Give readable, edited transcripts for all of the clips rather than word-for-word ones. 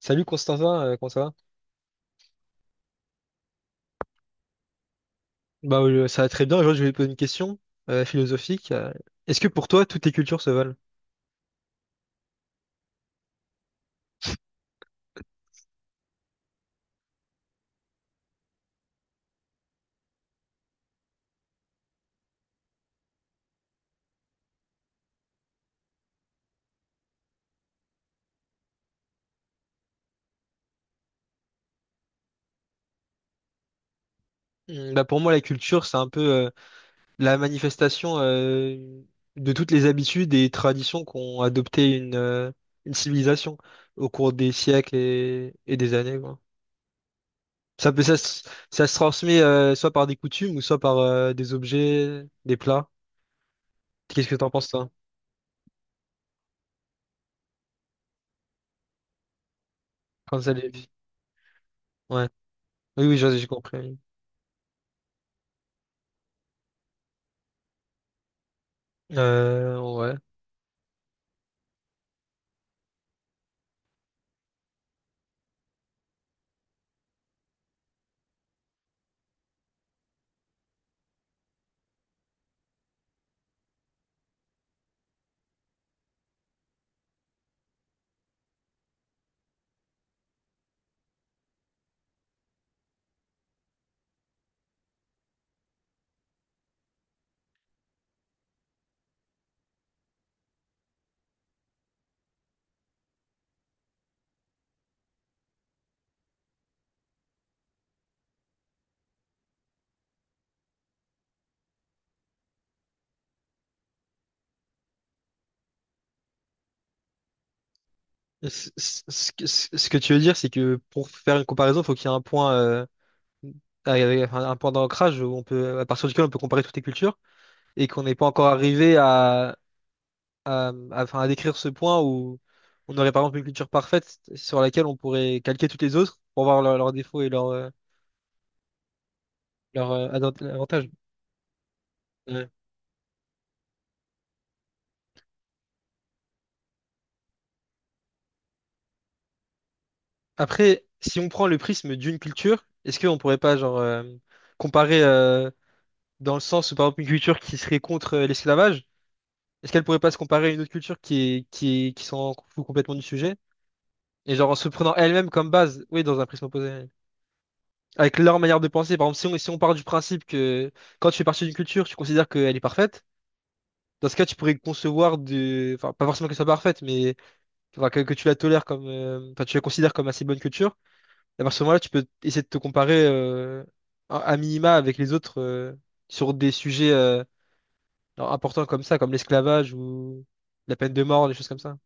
Salut Constantin, comment ça va? Bah, ça va très bien. Aujourd'hui, je vais te poser une question philosophique. Est-ce que pour toi, toutes les cultures se valent? Bah, pour moi, la culture, c'est un peu la manifestation de toutes les habitudes et traditions qu'ont adopté une civilisation au cours des siècles et des années, quoi. Ça peut, ça, se ça se transmet soit par des coutumes ou soit par des objets, des plats. Qu'est-ce que t'en penses, toi? Quand ça les... Ouais. Oui, oui, j'ai compris. Ouais. Ce ce- ce que tu veux dire, c'est que pour faire une comparaison, il faut qu'il y ait un point, enfin, un point d'ancrage où on peut, à partir duquel on peut comparer toutes les cultures et qu'on n'est pas encore arrivé enfin, à décrire ce point où on aurait par exemple une culture parfaite sur laquelle on pourrait calquer toutes les autres pour voir leurs défauts et leurs avantages. Ouais. Après, si on prend le prisme d'une culture, est-ce qu'on pourrait pas genre comparer dans le sens où par exemple une culture qui serait contre l'esclavage. Est-ce qu'elle pourrait pas se comparer à une autre culture qui est, qui s'en fout complètement du sujet? Et genre en se prenant elle-même comme base, oui, dans un prisme opposé. Ouais. Avec leur manière de penser. Par exemple, si on part du principe que quand tu fais partie d'une culture, tu considères qu'elle est parfaite, dans ce cas, tu pourrais concevoir de. Enfin, pas forcément qu'elle soit parfaite, mais enfin, que tu la tolères comme. Enfin, tu la considères comme assez bonne culture. Et à ce moment-là, tu peux essayer de te comparer à minima avec les autres sur des sujets importants comme ça, comme l'esclavage ou la peine de mort, des choses comme ça.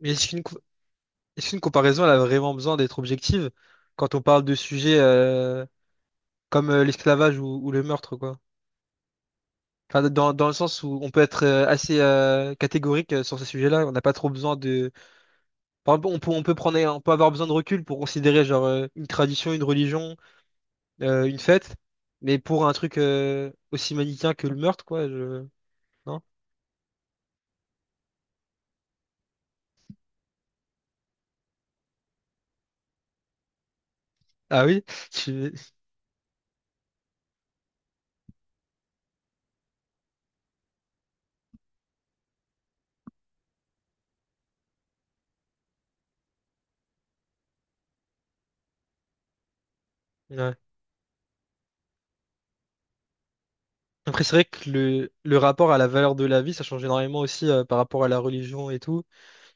Mais si une... Est-ce qu'une comparaison, elle a vraiment besoin d'être objective quand on parle de sujets comme l'esclavage ou le meurtre, quoi? Enfin, dans le sens où on peut être assez catégorique sur ces sujets-là, on n'a pas trop besoin de... Par exemple, on peut avoir besoin de recul pour considérer genre une tradition, une religion, une fête, mais pour un truc aussi manichéen que le meurtre, quoi, je... Non? Ah oui? Tu- Ouais. Après, c'est vrai que le rapport à la valeur de la vie, ça change énormément aussi par rapport à la religion et tout.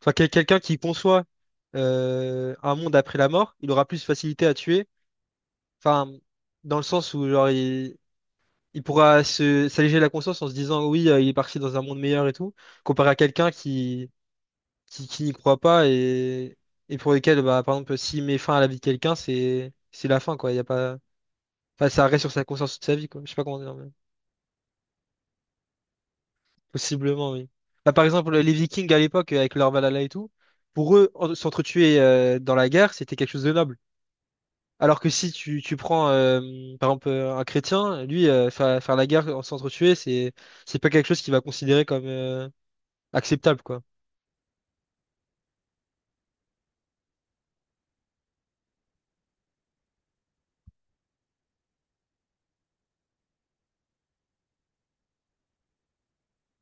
Enfin, quelqu'un qui conçoit un monde après la mort, il aura plus facilité à tuer. Enfin, dans le sens où genre il pourra se s'alléger la conscience en se disant oui, il est parti dans un monde meilleur et tout, comparé à quelqu'un qui n'y croit pas et pour lequel bah par exemple s'il met fin à la vie de quelqu'un, c'est la fin quoi. Il y a pas, enfin, ça reste sur sa conscience toute sa vie quoi. Je sais pas comment dire. Possiblement, oui. Bah, par exemple, les Vikings à l'époque, avec leur Valhalla et tout, pour eux, s'entretuer dans la guerre, c'était quelque chose de noble. Alors que si tu prends, par exemple, un chrétien, lui, faire la guerre en s'entretuer, c'est pas quelque chose qu'il va considérer comme acceptable, quoi.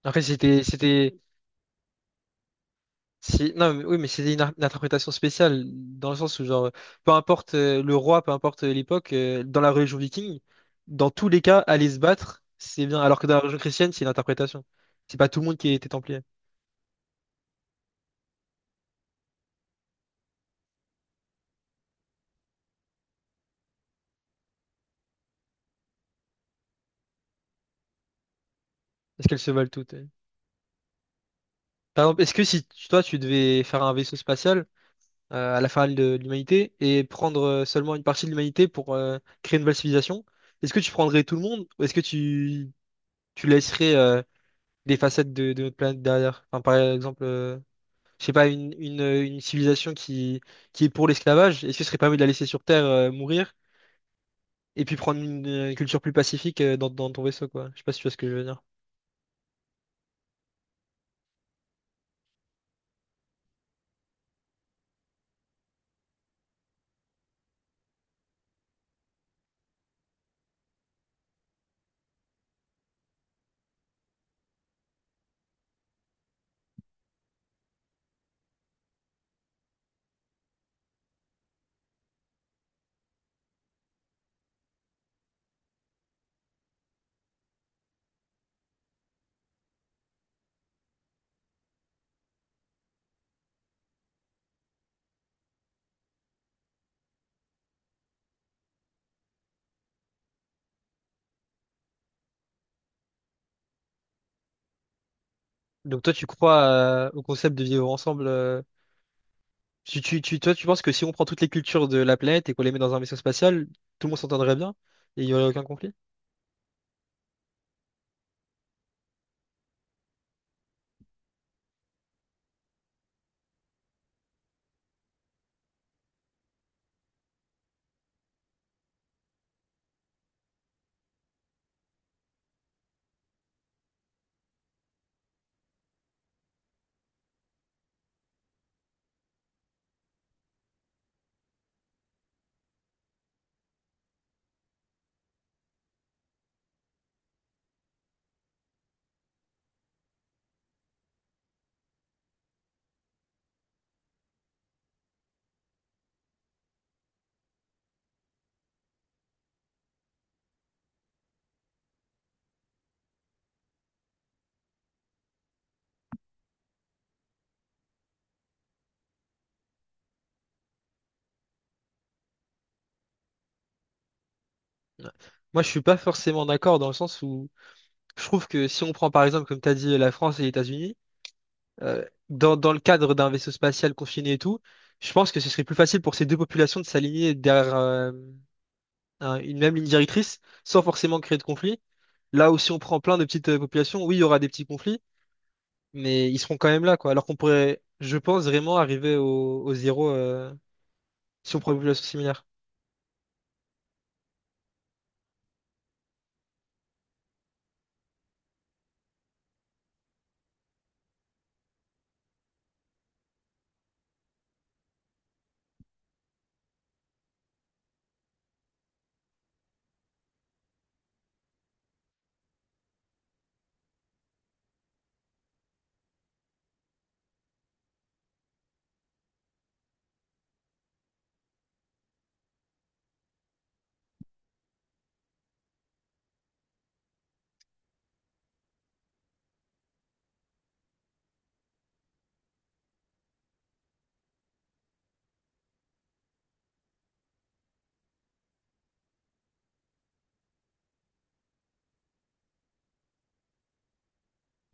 Après, c'était, c'était... Si, non, oui, mais c'est une interprétation spéciale, dans le sens où, genre, peu importe le roi, peu importe l'époque, dans la religion viking, dans tous les cas, aller se battre, c'est bien. Alors que dans la religion chrétienne, c'est une interprétation. C'est pas tout le monde qui était templier. Est-ce qu'elles se valent toutes? Par exemple, est-ce que si toi, tu devais faire un vaisseau spatial à la fin de l'humanité et prendre seulement une partie de l'humanité pour créer une nouvelle civilisation, est-ce que tu prendrais tout le monde ou est-ce que tu laisserais des facettes de notre planète derrière? Enfin, par exemple. Je sais pas, une civilisation qui est pour l'esclavage, est-ce que ce serait pas mieux de la laisser sur Terre mourir et puis prendre une, culture plus pacifique dans ton vaisseau, quoi? Je sais pas si tu vois ce que je veux dire. Donc toi, tu crois au concept de vivre ensemble toi, tu penses que si on prend toutes les cultures de la planète et qu'on les met dans un vaisseau spatial, tout le monde s'entendrait bien et il y aurait aucun conflit? Ouais. Moi, je suis pas forcément d'accord dans le sens où je trouve que si on prend par exemple, comme tu as dit, la France et les États-Unis, dans le cadre d'un vaisseau spatial confiné et tout, je pense que ce serait plus facile pour ces deux populations de s'aligner derrière une même ligne directrice sans forcément créer de conflit. Là aussi, on prend plein de petites populations, oui, il y aura des petits conflits, mais ils seront quand même là, quoi. Alors qu'on pourrait, je pense, vraiment arriver au zéro si on prend une population similaire.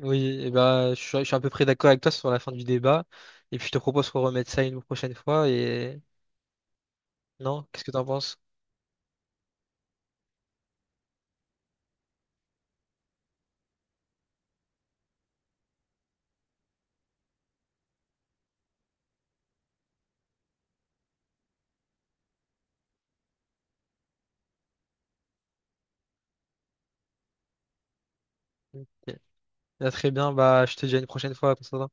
Oui, et bah, je suis à peu près d'accord avec toi sur la fin du débat. Et puis, je te propose qu'on remette ça une prochaine fois. Et non, qu'est-ce que t'en penses? Ok. Ah, très bien, bah, je te dis à une prochaine fois, Constantin.